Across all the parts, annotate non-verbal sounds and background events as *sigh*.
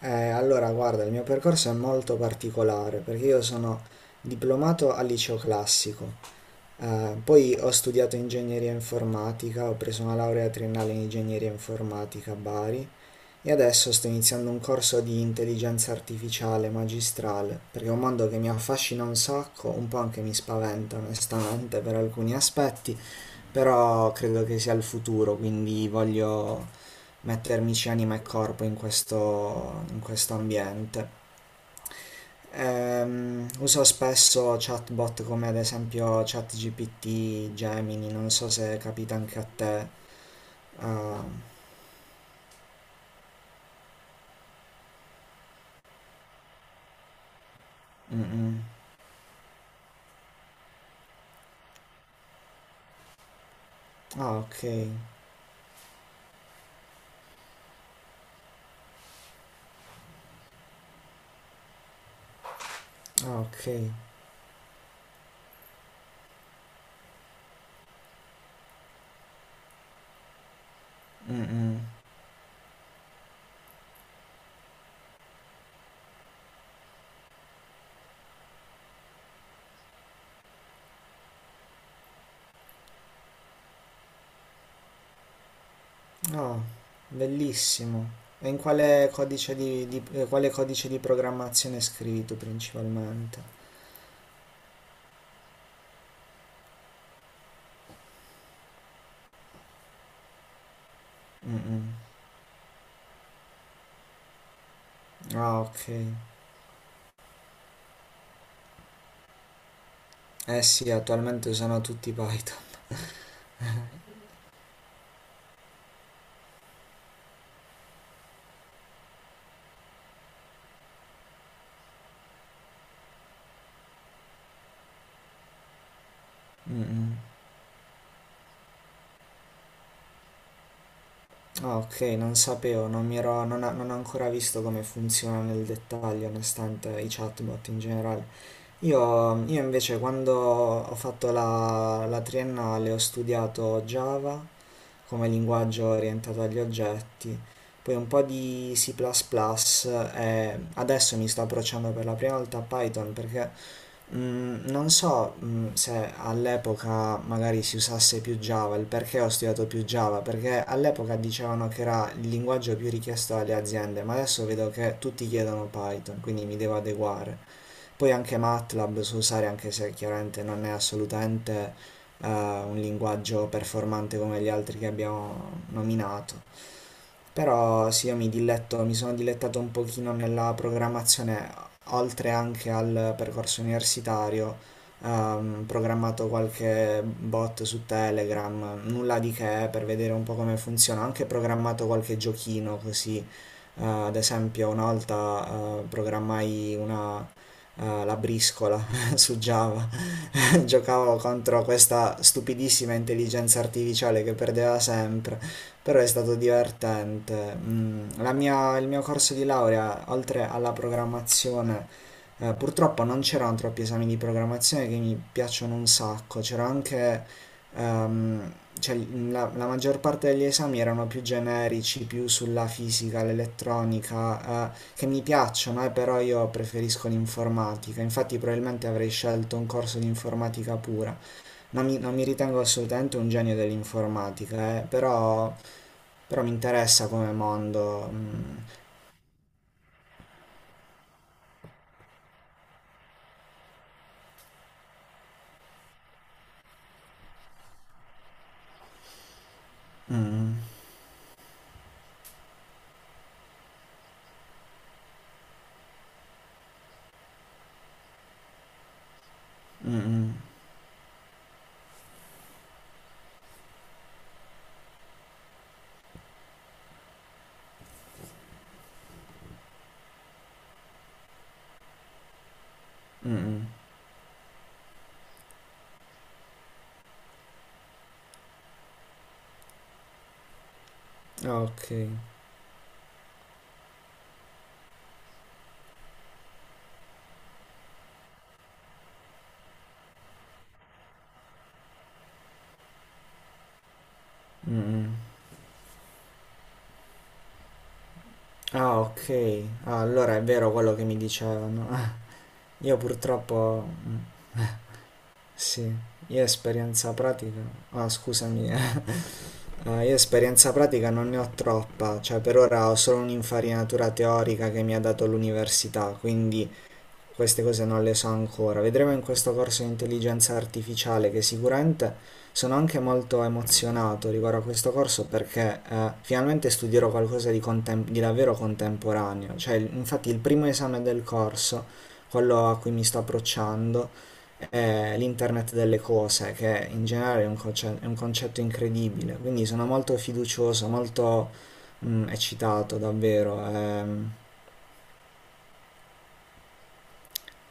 Allora, guarda, il mio percorso è molto particolare perché io sono diplomato al liceo classico, poi ho studiato ingegneria informatica, ho preso una laurea triennale in ingegneria informatica a Bari e adesso sto iniziando un corso di intelligenza artificiale magistrale perché è un mondo che mi affascina un sacco, un po' anche mi spaventa onestamente per alcuni aspetti, però credo che sia il futuro, quindi voglio mettermici anima e corpo in questo ambiente. Uso spesso chatbot come ad esempio ChatGPT, Gemini, non so se capita anche a te. Ah, mm, mm. Ah, ok. Ah, ok. Mm, mm. Ah, bellissimo. E in quale quale codice di programmazione scrivi tu principalmente? Mm, mm. Ah, ok. Eh sì, attualmente usano tutti Python. Mm, mm. Ah, ok, non sapevo, non mi ero, non, ho non ho ancora visto come funziona nel dettaglio, nonostante i chatbot in generale. Io invece quando ho fatto la triennale ho studiato Java come linguaggio orientato agli oggetti, poi un po' di C++ e adesso mi sto approcciando per la prima volta a Python perché non so, se all'epoca magari si usasse più Java, il perché ho studiato più Java, perché all'epoca dicevano che era il linguaggio più richiesto dalle aziende, ma adesso vedo che tutti chiedono Python, quindi mi devo adeguare. Poi anche MATLAB so usare, anche se chiaramente non è assolutamente un linguaggio performante come gli altri che abbiamo nominato. Però sì, io mi diletto, mi sono dilettato un pochino nella programmazione, oltre anche al percorso universitario. Programmato qualche bot su Telegram, nulla di che per vedere un po' come funziona. Ho anche programmato qualche giochino così. Ad esempio, una volta programmai una, la briscola *laughs* su Java. *laughs* giocavo contro questa stupidissima intelligenza artificiale che perdeva sempre, però è stato divertente. Il mio corso di laurea, oltre alla programmazione, purtroppo non c'erano troppi esami di programmazione che mi piacciono un sacco, c'era anche... ehm, cioè, la maggior parte degli esami erano più generici, più sulla fisica, l'elettronica, che mi piacciono, però io preferisco l'informatica, infatti probabilmente avrei scelto un corso di informatica pura. Non mi ritengo assolutamente un genio dell'informatica, però mi interessa come mondo. Mm, mm, mm, mm, mm. Mm. Ah, ok. Mm, mm. Ah, ok. Ah, allora è vero quello che mi dicevano. *laughs* Io purtroppo. Mm, Sì, io esperienza pratica. Ah, scusami. *laughs* Ah, io esperienza pratica non ne ho troppa, cioè per ora ho solo un'infarinatura teorica che mi ha dato l'università, quindi queste cose non le so ancora. Vedremo in questo corso di intelligenza artificiale che sicuramente sono anche molto emozionato riguardo a questo corso perché finalmente studierò qualcosa di davvero contemporaneo. Cioè, infatti il primo esame del corso, quello a cui mi sto approcciando, è l'internet delle cose, che in generale è un concetto incredibile. Quindi sono molto fiducioso, molto eccitato davvero.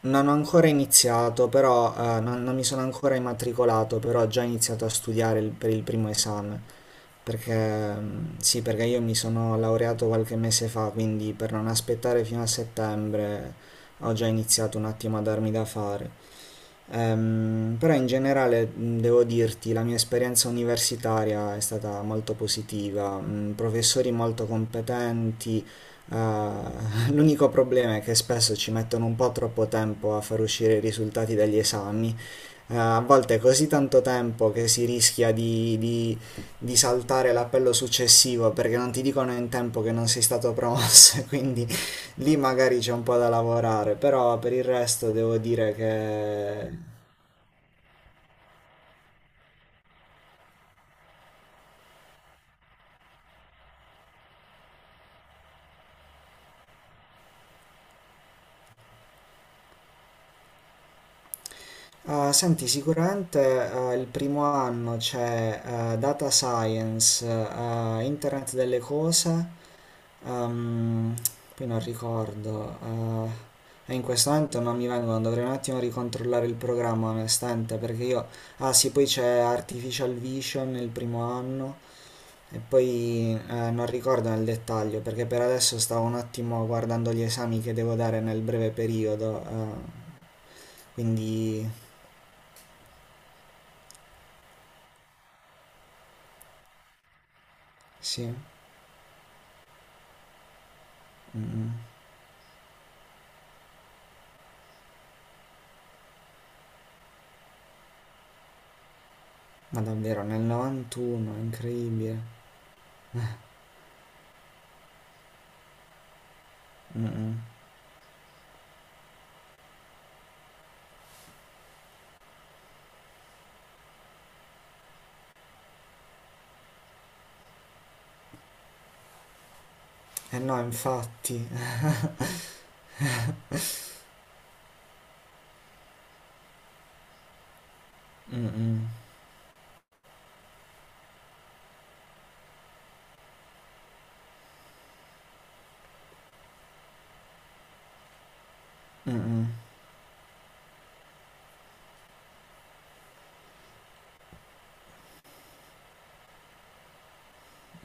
Non ho ancora iniziato, però non, non mi sono ancora immatricolato, però ho già iniziato a studiare per il primo esame, perché sì, perché io mi sono laureato qualche mese fa, quindi per non aspettare fino a settembre ho già iniziato un attimo a darmi da fare. Però in generale devo dirti, la mia esperienza universitaria è stata molto positiva, professori molto competenti, eh, *laughs* l'unico problema è che spesso ci mettono un po' troppo tempo a far uscire i risultati degli esami, a volte è così tanto tempo che si rischia di saltare l'appello successivo perché non ti dicono in tempo che non sei stato promosso, *laughs* quindi lì magari c'è un po' da lavorare, però per il resto devo dire che. Ah, senti, sicuramente il primo anno c'è Data Science, Internet delle cose, ehm, poi non ricordo, e in questo momento non mi vengono, dovrei un attimo ricontrollare il programma onestamente perché io. Ah sì, poi c'è Artificial Vision il primo anno e poi non ricordo nel dettaglio perché per adesso stavo un attimo guardando gli esami che devo dare nel breve periodo, eh, quindi. Sì, ma davvero nel 91, incredibile. Mh-mh. Eh no, infatti. Mh-mh. Mh-mh.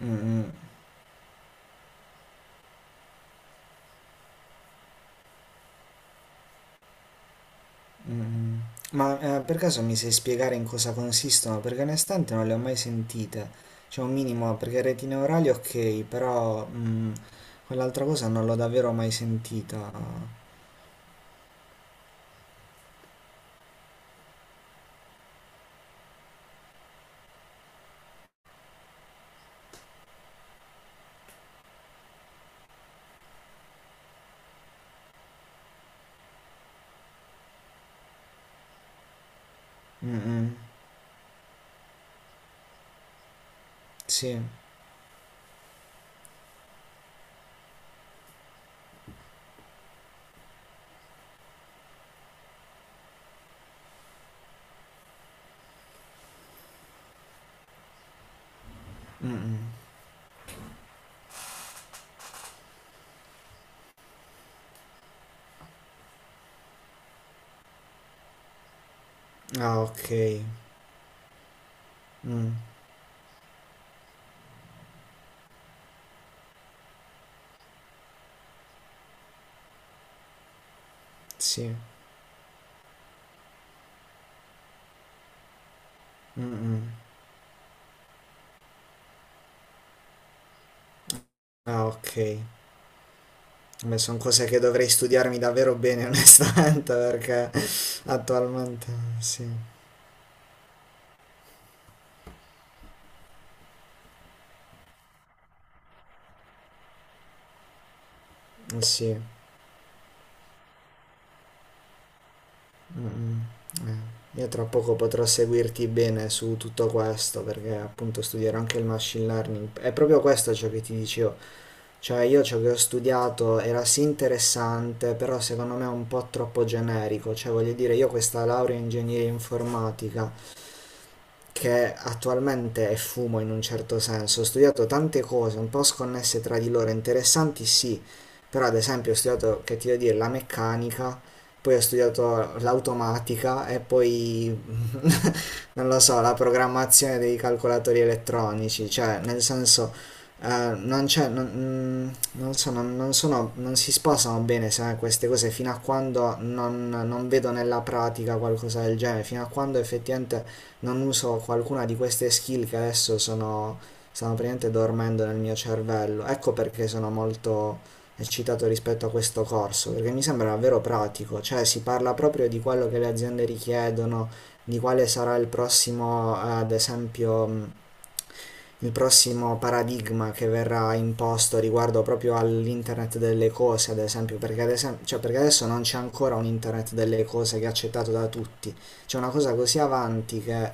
Mh-mh. Mh-mh. Ma, per caso mi sai spiegare in cosa consistono? Perché onestamente non le ho mai sentite. Cioè un minimo, perché retine orali ok, però quell'altra cosa non l'ho davvero mai sentita. Mh-mh. Sì. Mh-mh. Ah, ok. Mh. Sì. Mh-mh. Ah, ok. Beh, sono cose che dovrei studiarmi davvero bene, *laughs* onestamente, perché attualmente sì, sì, mm, Io tra poco potrò seguirti bene su tutto questo, perché appunto studierò anche il machine learning. È proprio questo ciò che ti dicevo, cioè io ciò che ho studiato era sì interessante, però secondo me è un po' troppo generico, cioè voglio dire, io questa laurea in ingegneria informatica che attualmente è fumo in un certo senso. Ho studiato tante cose un po' sconnesse tra di loro, interessanti sì, però ad esempio ho studiato, che ti devo dire, la meccanica, poi ho studiato l'automatica e poi non lo so, la programmazione dei calcolatori elettronici, cioè nel senso non c'è, non, non so, non, non sono, non si sposano bene queste cose fino a quando non, non vedo nella pratica qualcosa del genere, fino a quando effettivamente non uso qualcuna di queste skill che adesso sono, stanno praticamente dormendo nel mio cervello. Ecco perché sono molto eccitato rispetto a questo corso, perché mi sembra davvero pratico, cioè si parla proprio di quello che le aziende richiedono, di quale sarà il prossimo, ad esempio, il prossimo paradigma che verrà imposto riguardo proprio all'internet delle cose, ad esempio, perché, cioè, perché adesso non c'è ancora un internet delle cose che è accettato da tutti, c'è una cosa così avanti che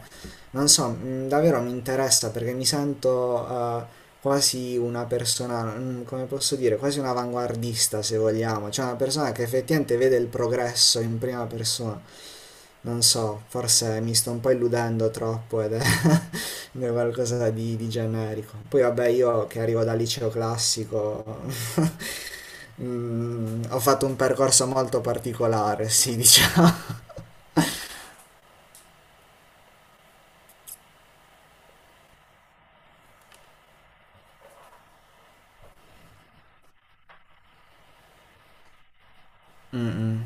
non so, davvero mi interessa perché mi sento quasi una persona, come posso dire, quasi un avanguardista se vogliamo, cioè una persona che effettivamente vede il progresso in prima persona. Non so, forse mi sto un po' illudendo troppo ed è *laughs* qualcosa di generico. Poi vabbè, io che arrivo dal liceo classico, *laughs* ho fatto un percorso molto particolare, sì, *laughs* diciamo. Mm-mm.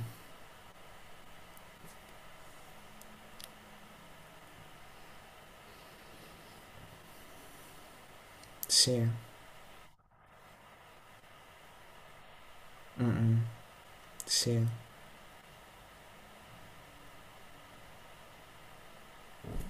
Sì, mm-mm, sì.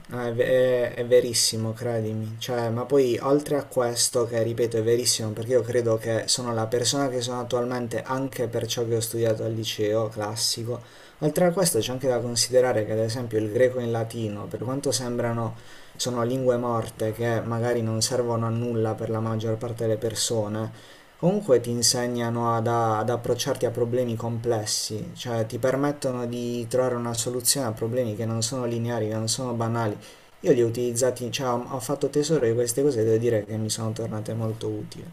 Ah, è verissimo, credimi. Cioè, ma poi oltre a questo, che ripeto è verissimo, perché io credo che sono la persona che sono attualmente anche per ciò che ho studiato al liceo classico, oltre a questo c'è anche da considerare che ad esempio il greco e il latino, per quanto sembrano, sono lingue morte che magari non servono a nulla per la maggior parte delle persone, comunque ti insegnano ad approcciarti a problemi complessi, cioè ti permettono di trovare una soluzione a problemi che non sono lineari, che non sono banali. Io li ho utilizzati, cioè ho fatto tesoro di queste cose e devo dire che mi sono tornate molto utili.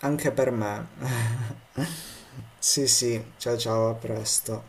Anche per me. *laughs* Sì, sì, ciao ciao, a presto.